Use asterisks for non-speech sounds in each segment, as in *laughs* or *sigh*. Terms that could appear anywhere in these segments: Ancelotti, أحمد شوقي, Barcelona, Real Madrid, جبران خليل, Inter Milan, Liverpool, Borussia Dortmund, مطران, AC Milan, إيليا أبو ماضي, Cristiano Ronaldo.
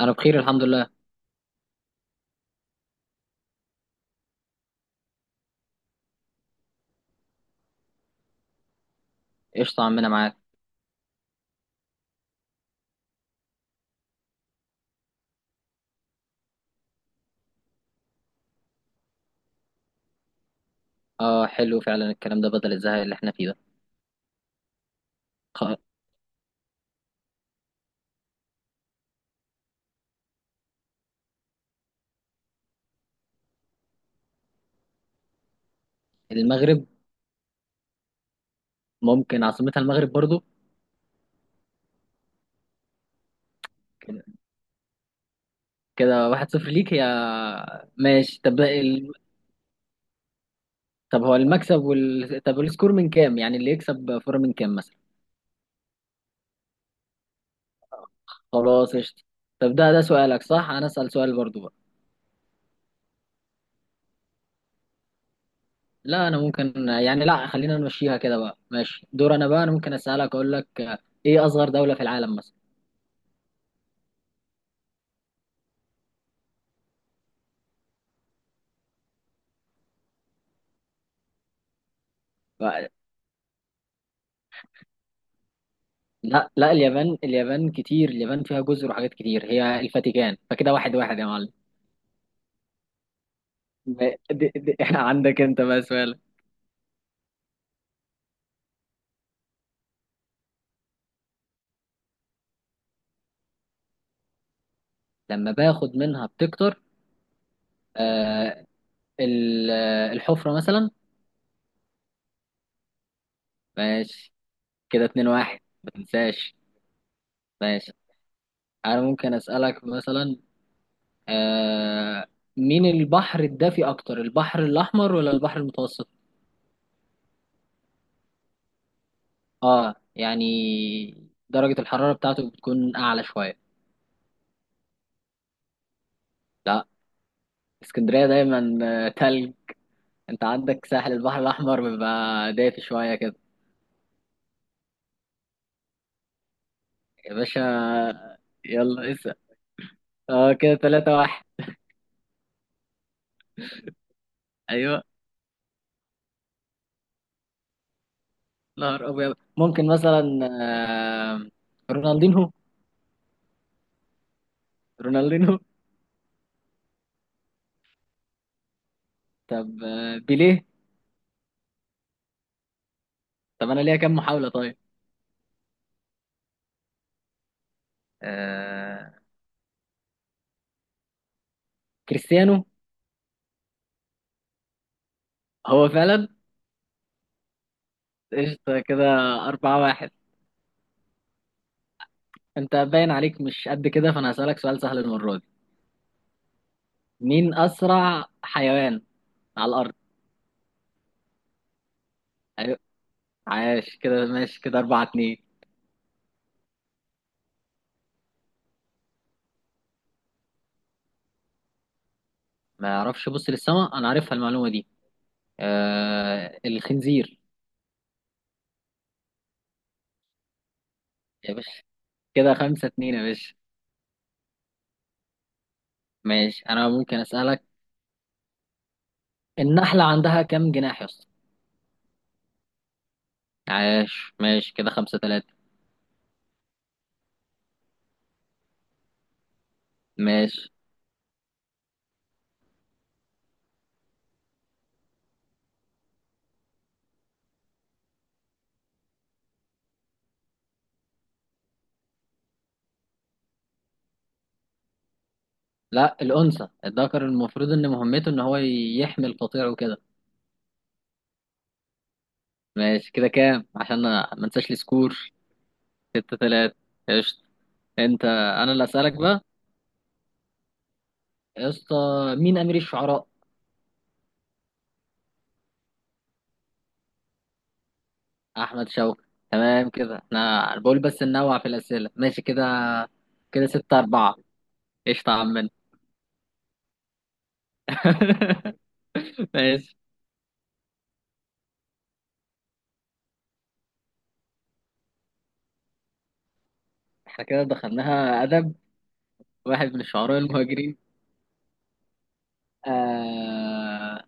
انا بخير الحمد لله. قشطة عمنا معاك. اه حلو فعلا الكلام ده بدل الزهق اللي احنا فيه ده. خ... المغرب، ممكن عاصمتها المغرب برضو. كده كده واحد صفر ليك يا. ماشي طب طب هو المكسب طب السكور من كام، يعني اللي يكسب فورة من كام مثلا؟ خلاص قشطة. طب ده سؤالك، صح؟ انا اسأل سؤال برضو بقى. لا انا ممكن يعني، لا خلينا نمشيها كده بقى. ماشي دور انا بقى. انا ممكن اسألك، اقول لك ايه اصغر دولة في العالم مثلا؟ لا لا، اليابان اليابان كتير، اليابان فيها جزر وحاجات كتير. هي الفاتيكان، فكده واحد واحد يا معلم. دي *laughs* عندك انت بقى سؤال. لما باخد منها بتكتر؟ آه، الحفرة مثلا. ماشي كده اتنين واحد، ما تنساش. ماشي انا ممكن اسألك مثلا، آه، مين البحر الدافي اكتر، البحر الاحمر ولا البحر المتوسط؟ اه يعني درجة الحرارة بتاعته بتكون اعلى شوية. لا، اسكندرية دايما آه، تلج. انت عندك ساحل البحر الاحمر بيبقى دافي شويه كده. يا باشا يلا اسأل. اه كده ثلاثة واحد. ايوه. نهار ابيض، ممكن مثلا آه، رونالدينهو. رونالدينهو. طب آه، بيليه. طب انا ليا كام محاولة طيب؟ آه... كريستيانو. هو فعلا. قشطة كده أربعة واحد. أنت باين عليك مش قد كده، فأنا هسألك سؤال سهل المرة دي. مين أسرع حيوان على الأرض؟ أيوة، عاش كده. ماشي كده أربعة اتنين. ما يعرفش يبص للسماء، انا عارفها المعلومه دي. آه الخنزير. يا باشا كده خمسة اتنين يا باشا. ماشي انا ممكن اسالك، النحله عندها كام جناح يا اسطى؟ عاش، ماشي كده خمسة تلاتة. ماشي. لا الانثى، الذكر المفروض ان مهمته ان هو يحمي القطيع وكده. ماشي كده كام؟ عشان ما انساش السكور. ستة تلاتة. قشطة. انت انا اللي اسالك بقى. يا اسطى مين امير الشعراء؟ احمد شوقي. تمام كده. احنا أنا بقول بس ننوع في الاسئله، ماشي كده. كده ستة أربعة. قشطة يا عمنا. *laughs* ماشي. احنا كده دخلناها أدب. واحد من الشعراء المهاجرين. آه...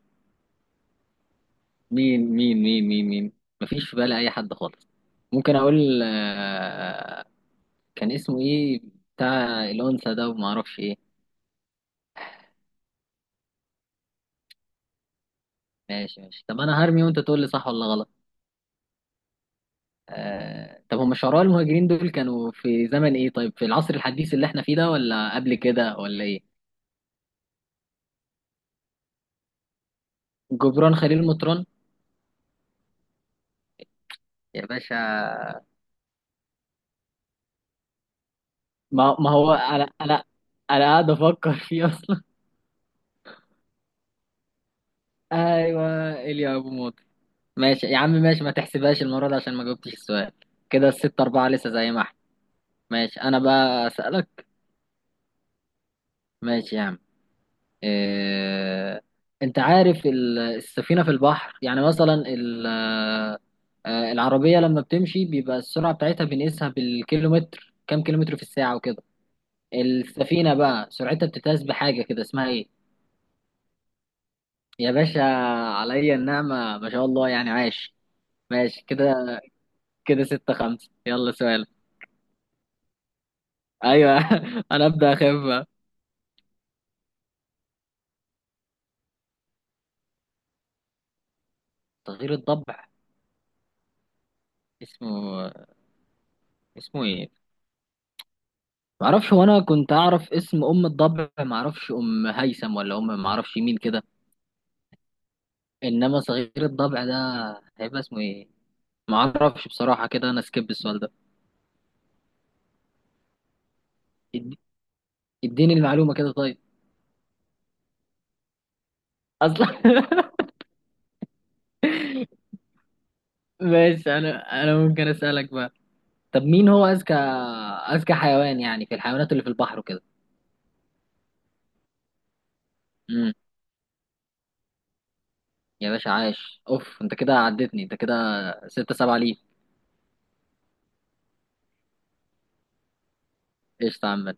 مين مين؟ مفيش في بالي أي حد خالص. ممكن أقول آه... كان اسمه إيه، بتاع الأنثى ده وما أعرفش إيه. ماشي ماشي. طب أنا هرمي وأنت تقول لي صح ولا غلط. آه، طب هم شعراء المهاجرين دول كانوا في زمن ايه؟ طيب في العصر الحديث اللي احنا فيه ده، ولا قبل كده، ولا ايه؟ جبران خليل مطران. يا باشا. ما هو انا انا قاعد افكر فيه اصلا. *laughs* ايوه، ايليا ابو موت. ماشي يا عم ماشي. ما تحسبهاش المره دي عشان ما جاوبتش السؤال. كده الستة أربعة لسه زي ما احنا. ماشي انا بقى اسالك. ماشي يا عم. آه، انت عارف السفينة في البحر، يعني مثلا العربية لما بتمشي بيبقى السرعة بتاعتها بنقيسها بالكيلومتر، كام كيلومتر في الساعة وكده. السفينة بقى سرعتها بتتقاس بحاجة كده، اسمها ايه؟ يا باشا، عليا النعمة ما شاء الله يعني عاش. ماشي كده ستة خمسة. يلا سؤال. ايوه *laughs* انا ابدأ اخف بقى. تغيير الضبع، اسمه اسمه ايه؟ معرفش، وانا كنت اعرف اسم ام الضبع، معرفش ام هيثم ولا ام معرفش مين كده. انما صغير الضبع ده هيبقى اسمه ايه؟ معرفش بصراحة، كده انا سكيب السؤال ده. إد- اديني المعلومة كده طيب. اصلا *laughs* ماشي انا ممكن اسألك بقى. طب مين هو اذكى، اذكى حيوان يعني، في الحيوانات اللي في البحر وكده؟ امم. يا باشا عاش، اوف انت كده عدتني انت كده. ستة سبعة ليه؟ قشطة يا عم.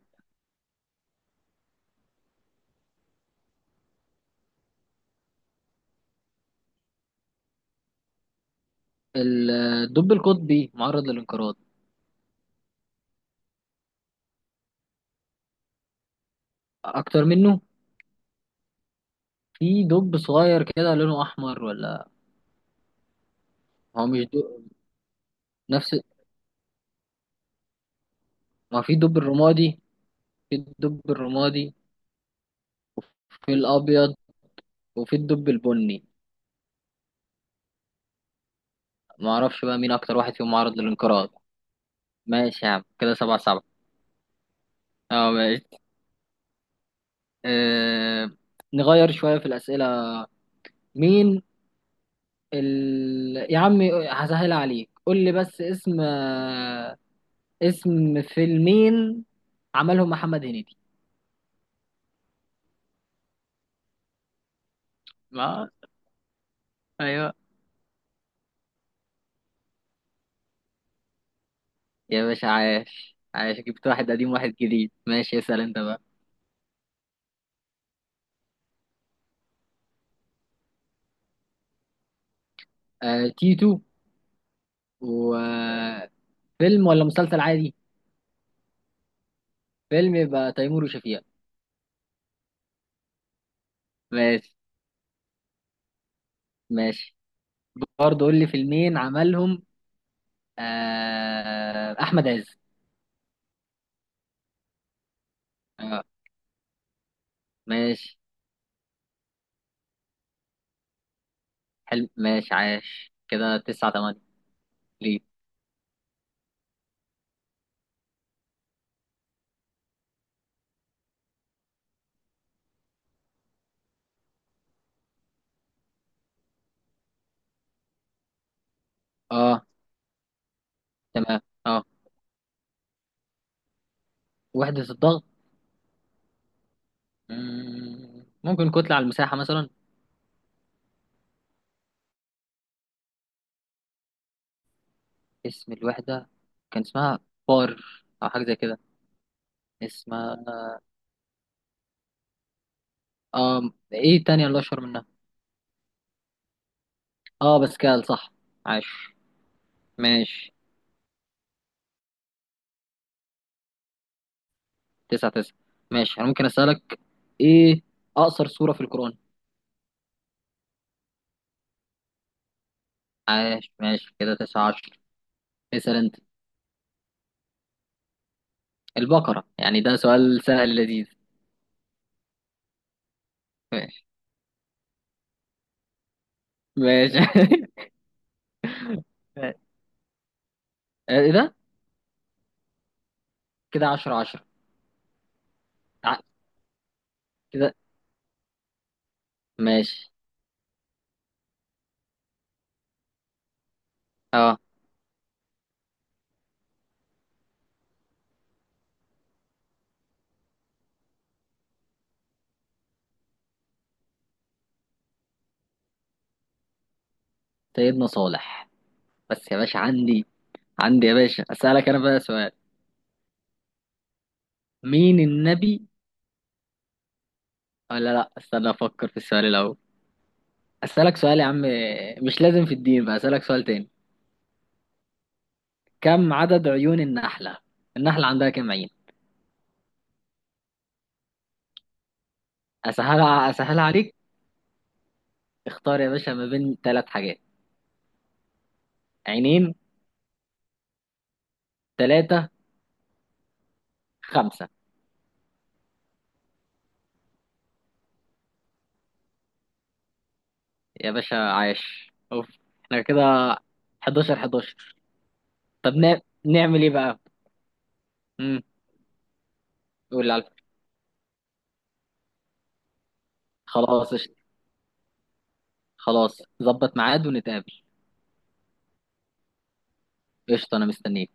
الدب القطبي معرض للانقراض. اكتر منه؟ في دب صغير كده لونه احمر ولا؟ هو مش دب؟ نفس. ما في الدب الرمادي، في الدب الرمادي، في الابيض، وفي الدب البني. ما اعرفش بقى مين اكتر واحد فيهم معرض للانقراض. ماشي يا عم كده سبعة سبعة. اه ماشي. آه... نغير شوية في الأسئلة. مين يا عم، هسهل عليك. قول لي بس اسم آه، اسم فيلمين عملهم محمد هنيدي. ما ايوه يا باشا، عاش عاش. جبت واحد قديم، واحد جديد. ماشي اسأل انت بقى. آه تيتو. وفيلم ولا مسلسل عادي؟ فيلم؟ يبقى تيمور وشفيقة. ماشي. ماشي برضه قول لي فيلمين عملهم آه أحمد عز. اه. ماشي حلو، ماشي عاش كده تسعة تمانية. ليه؟ اه تمام. اه وحدة الضغط. مم، ممكن كتلة على المساحة مثلا. اسم الوحدة، كان اسمها بار، أو حاجة زي كده. اسمها اه، ايه تانية اللي اشهر منها؟ اه باسكال صح. عاش. ماشي تسعة تسعة. ماشي انا ممكن اسألك، ايه اقصر سورة في القرآن؟ عاش، ماشي كده تسعة عشر. اسأل انت. البقرة، يعني ده سؤال سهل لذيذ. ماشي ماشي *laughs* ايه ده؟ كده عشرة عشرة. ع- كده ماشي. اه سيدنا صالح. بس يا باشا عندي، عندي يا باشا اسألك انا بقى سؤال. مين النبي؟ ولا لا، استنى افكر في السؤال الاول. أسألك سؤال يا عم، مش لازم في الدين بقى، أسألك سؤال تاني. كم عدد عيون النحلة؟ النحلة عندها كم عين؟ أسهلها أسهلها عليك. اختار يا باشا ما بين ثلاث حاجات: عينين، ثلاثة، خمسة. يا باشا عايش، أوف. احنا كده 11 11. طب نعمل إيه بقى؟ امم، قول لي على الفكرة. خلاص قشطة. خلاص، ظبط ميعاد ونتقابل. قشطة أنا مستنيك.